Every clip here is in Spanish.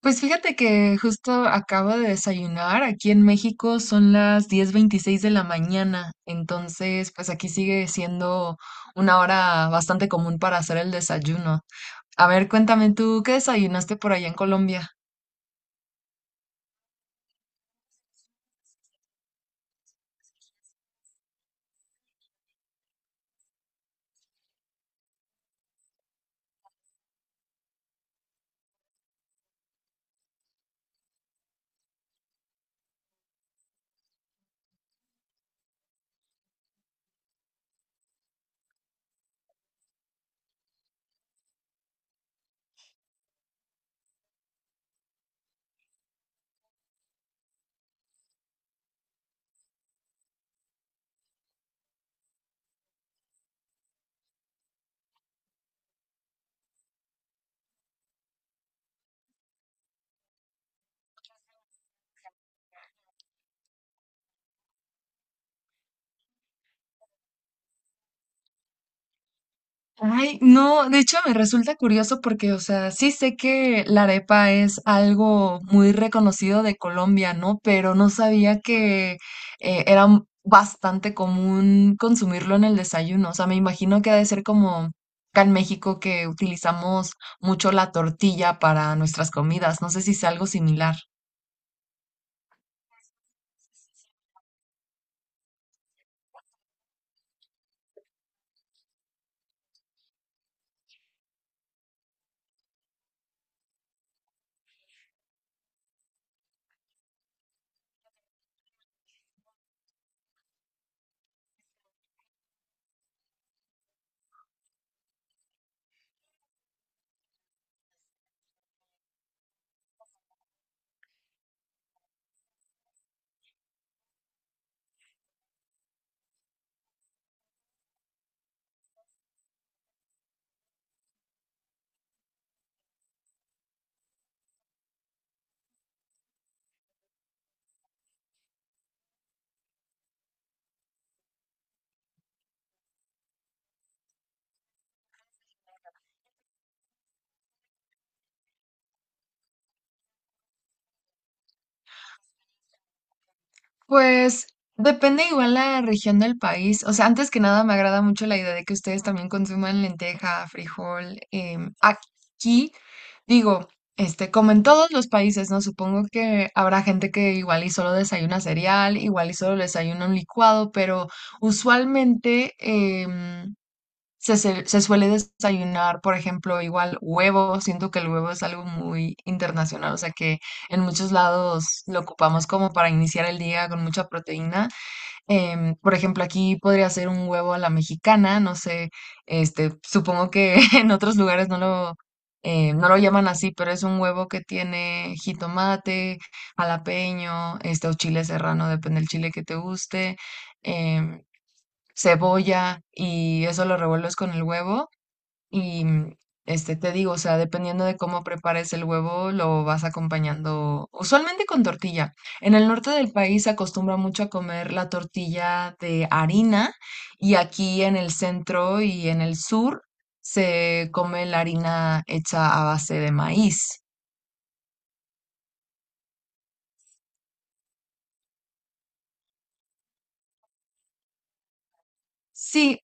Pues fíjate que justo acabo de desayunar. Aquí en México son las 10:26 de la mañana, entonces pues aquí sigue siendo una hora bastante común para hacer el desayuno. A ver, cuéntame tú, ¿qué desayunaste por allá en Colombia? Ay, no, de hecho me resulta curioso porque, o sea, sí sé que la arepa es algo muy reconocido de Colombia, ¿no? Pero no sabía que era bastante común consumirlo en el desayuno. O sea, me imagino que ha de ser como acá en México que utilizamos mucho la tortilla para nuestras comidas. No sé si es algo similar. Pues depende igual la región del país. O sea, antes que nada me agrada mucho la idea de que ustedes también consuman lenteja, frijol. Aquí, digo, este, como en todos los países, ¿no? Supongo que habrá gente que igual y solo desayuna cereal, igual y solo desayuna un licuado, pero usualmente, se suele desayunar, por ejemplo, igual huevo. Siento que el huevo es algo muy internacional, o sea que en muchos lados lo ocupamos como para iniciar el día con mucha proteína. Por ejemplo, aquí podría ser un huevo a la mexicana, no sé, este, supongo que en otros lugares no lo, no lo llaman así, pero es un huevo que tiene jitomate, jalapeño, este, o chile serrano, depende del chile que te guste. em, Cebolla y eso lo revuelves con el huevo y este, te digo, o sea, dependiendo de cómo prepares el huevo, lo vas acompañando usualmente con tortilla. En el norte del país se acostumbra mucho a comer la tortilla de harina y aquí en el centro y en el sur se come la harina hecha a base de maíz. Sí,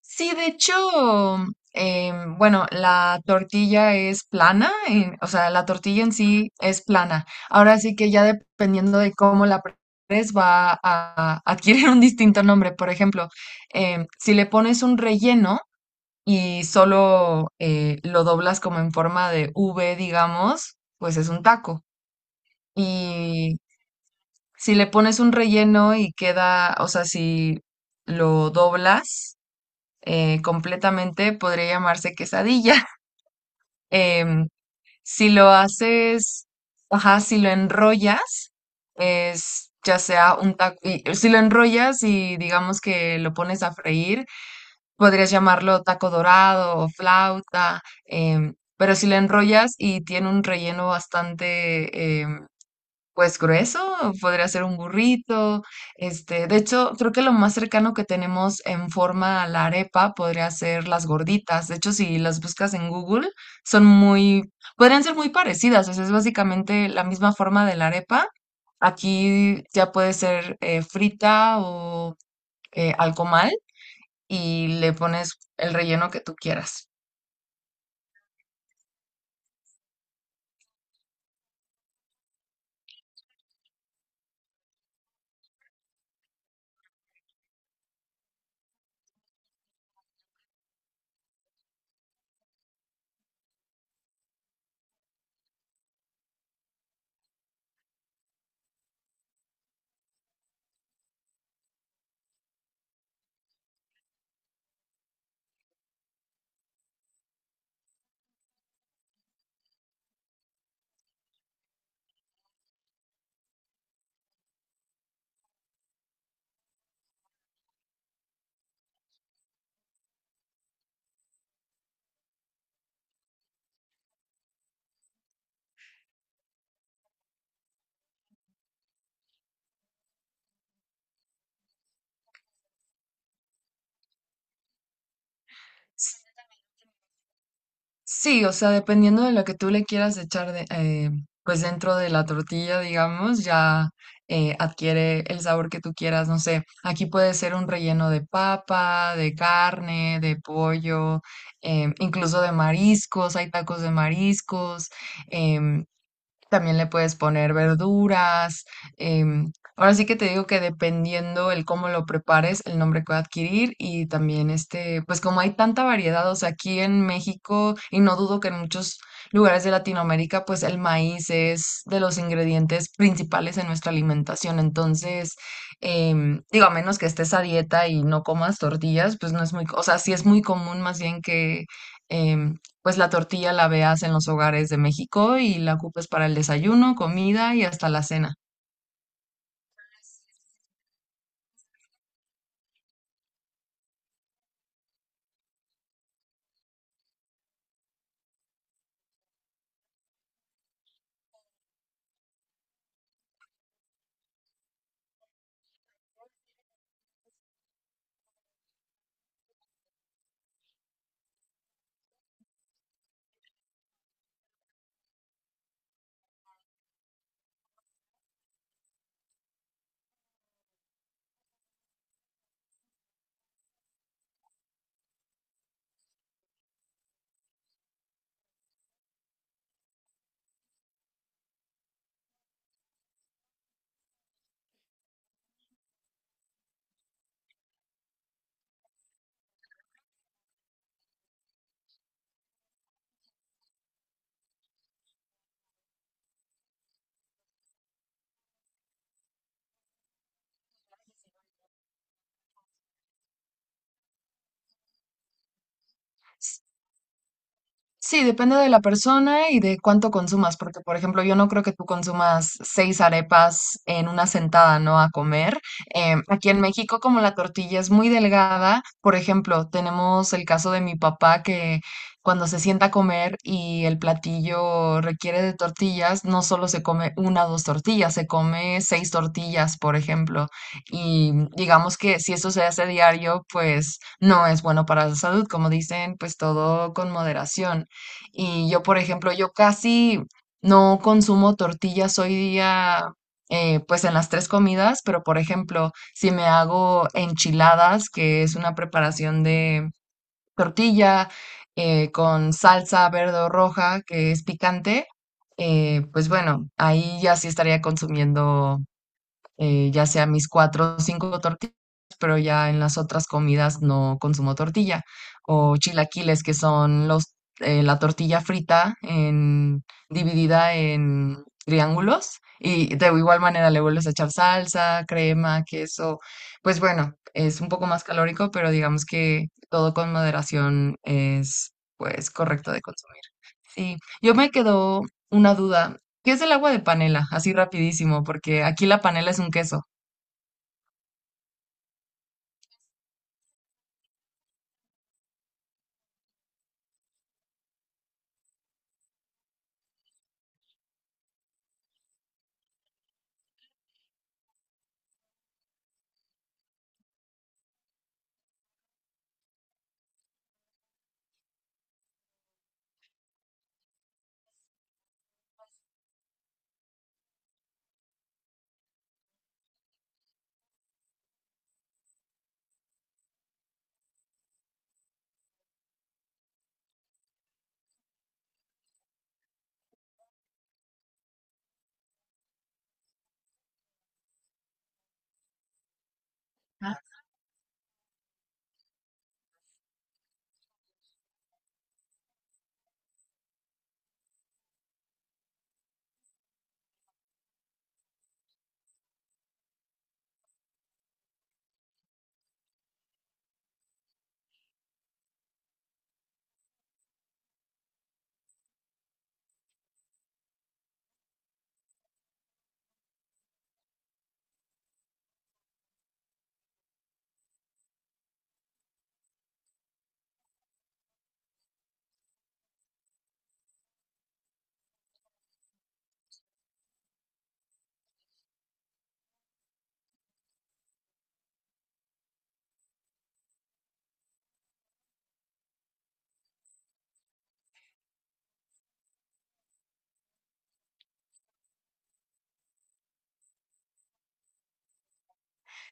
sí, de hecho, bueno, la tortilla es plana, o sea, la tortilla en sí es plana. Ahora sí que ya dependiendo de cómo la prepares va a adquirir un distinto nombre. Por ejemplo, si le pones un relleno y solo lo doblas como en forma de V, digamos, pues es un taco. Y si le pones un relleno y queda, o sea, si lo doblas completamente, podría llamarse quesadilla. Em, si lo haces, ajá, si lo enrollas, es ya sea un taco, si lo enrollas y digamos que lo pones a freír, podrías llamarlo taco dorado o flauta, pero si lo enrollas y tiene un relleno bastante pues grueso, podría ser un burrito. Este, de hecho, creo que lo más cercano que tenemos en forma a la arepa podría ser las gorditas. De hecho, si las buscas en Google, son muy, podrían ser muy parecidas. O sea, es básicamente la misma forma de la arepa. Aquí ya puede ser frita o al comal y le pones el relleno que tú quieras. Sí, o sea, dependiendo de lo que tú le quieras echar de, pues dentro de la tortilla, digamos, ya adquiere el sabor que tú quieras. No sé, aquí puede ser un relleno de papa, de carne, de pollo, incluso de mariscos. Hay tacos de mariscos. em, También le puedes poner verduras. Ahora sí que te digo que dependiendo el cómo lo prepares, el nombre que va a adquirir y también este, pues como hay tanta variedad, o sea, aquí en México y no dudo que en muchos lugares de Latinoamérica, pues el maíz es de los ingredientes principales en nuestra alimentación. Entonces, digo, a menos que estés a dieta y no comas tortillas, pues no es muy, o sea, sí es muy común más bien que... em, pues la tortilla la veas en los hogares de México y la ocupes para el desayuno, comida y hasta la cena. Sí, depende de la persona y de cuánto consumas, porque por ejemplo, yo no creo que tú consumas seis arepas en una sentada, ¿no? A comer. Aquí en México, como la tortilla es muy delgada, por ejemplo, tenemos el caso de mi papá que cuando se sienta a comer y el platillo requiere de tortillas, no solo se come una o dos tortillas, se come seis tortillas, por ejemplo. Y digamos que si eso se hace diario, pues no es bueno para la salud, como dicen, pues todo con moderación. Y yo, por ejemplo, yo casi no consumo tortillas hoy día, pues en las tres comidas, pero por ejemplo, si me hago enchiladas, que es una preparación de tortilla con salsa verde o roja, que es picante, pues bueno, ahí ya sí estaría consumiendo ya sea mis cuatro o cinco tortillas, pero ya en las otras comidas no consumo tortilla. O chilaquiles, que son los, la tortilla frita en, dividida en triángulos. Y de igual manera le vuelves a echar salsa, crema, queso. Pues bueno, es un poco más calórico, pero digamos que todo con moderación es pues correcto de consumir. Sí, yo me quedó una duda. ¿Qué es el agua de panela? Así rapidísimo, porque aquí la panela es un queso.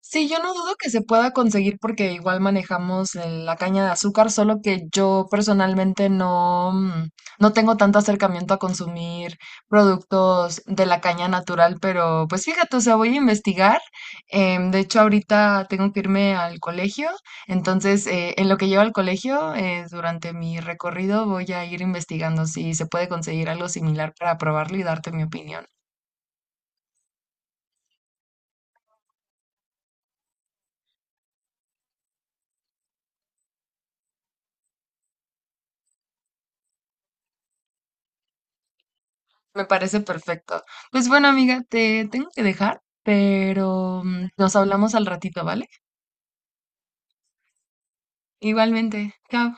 Sí, yo no dudo que se pueda conseguir porque igual manejamos la caña de azúcar, solo que yo personalmente no, mm, no tengo tanto acercamiento a consumir productos de la caña natural, pero pues fíjate, o sea, voy a investigar. De hecho, ahorita tengo que irme al colegio, entonces en lo que llevo al colegio, durante mi recorrido voy a ir investigando si se puede conseguir algo similar para probarlo y darte mi opinión. Me parece perfecto. Pues bueno, amiga, te tengo que dejar, pero nos hablamos al ratito, ¿vale? Igualmente. Chao.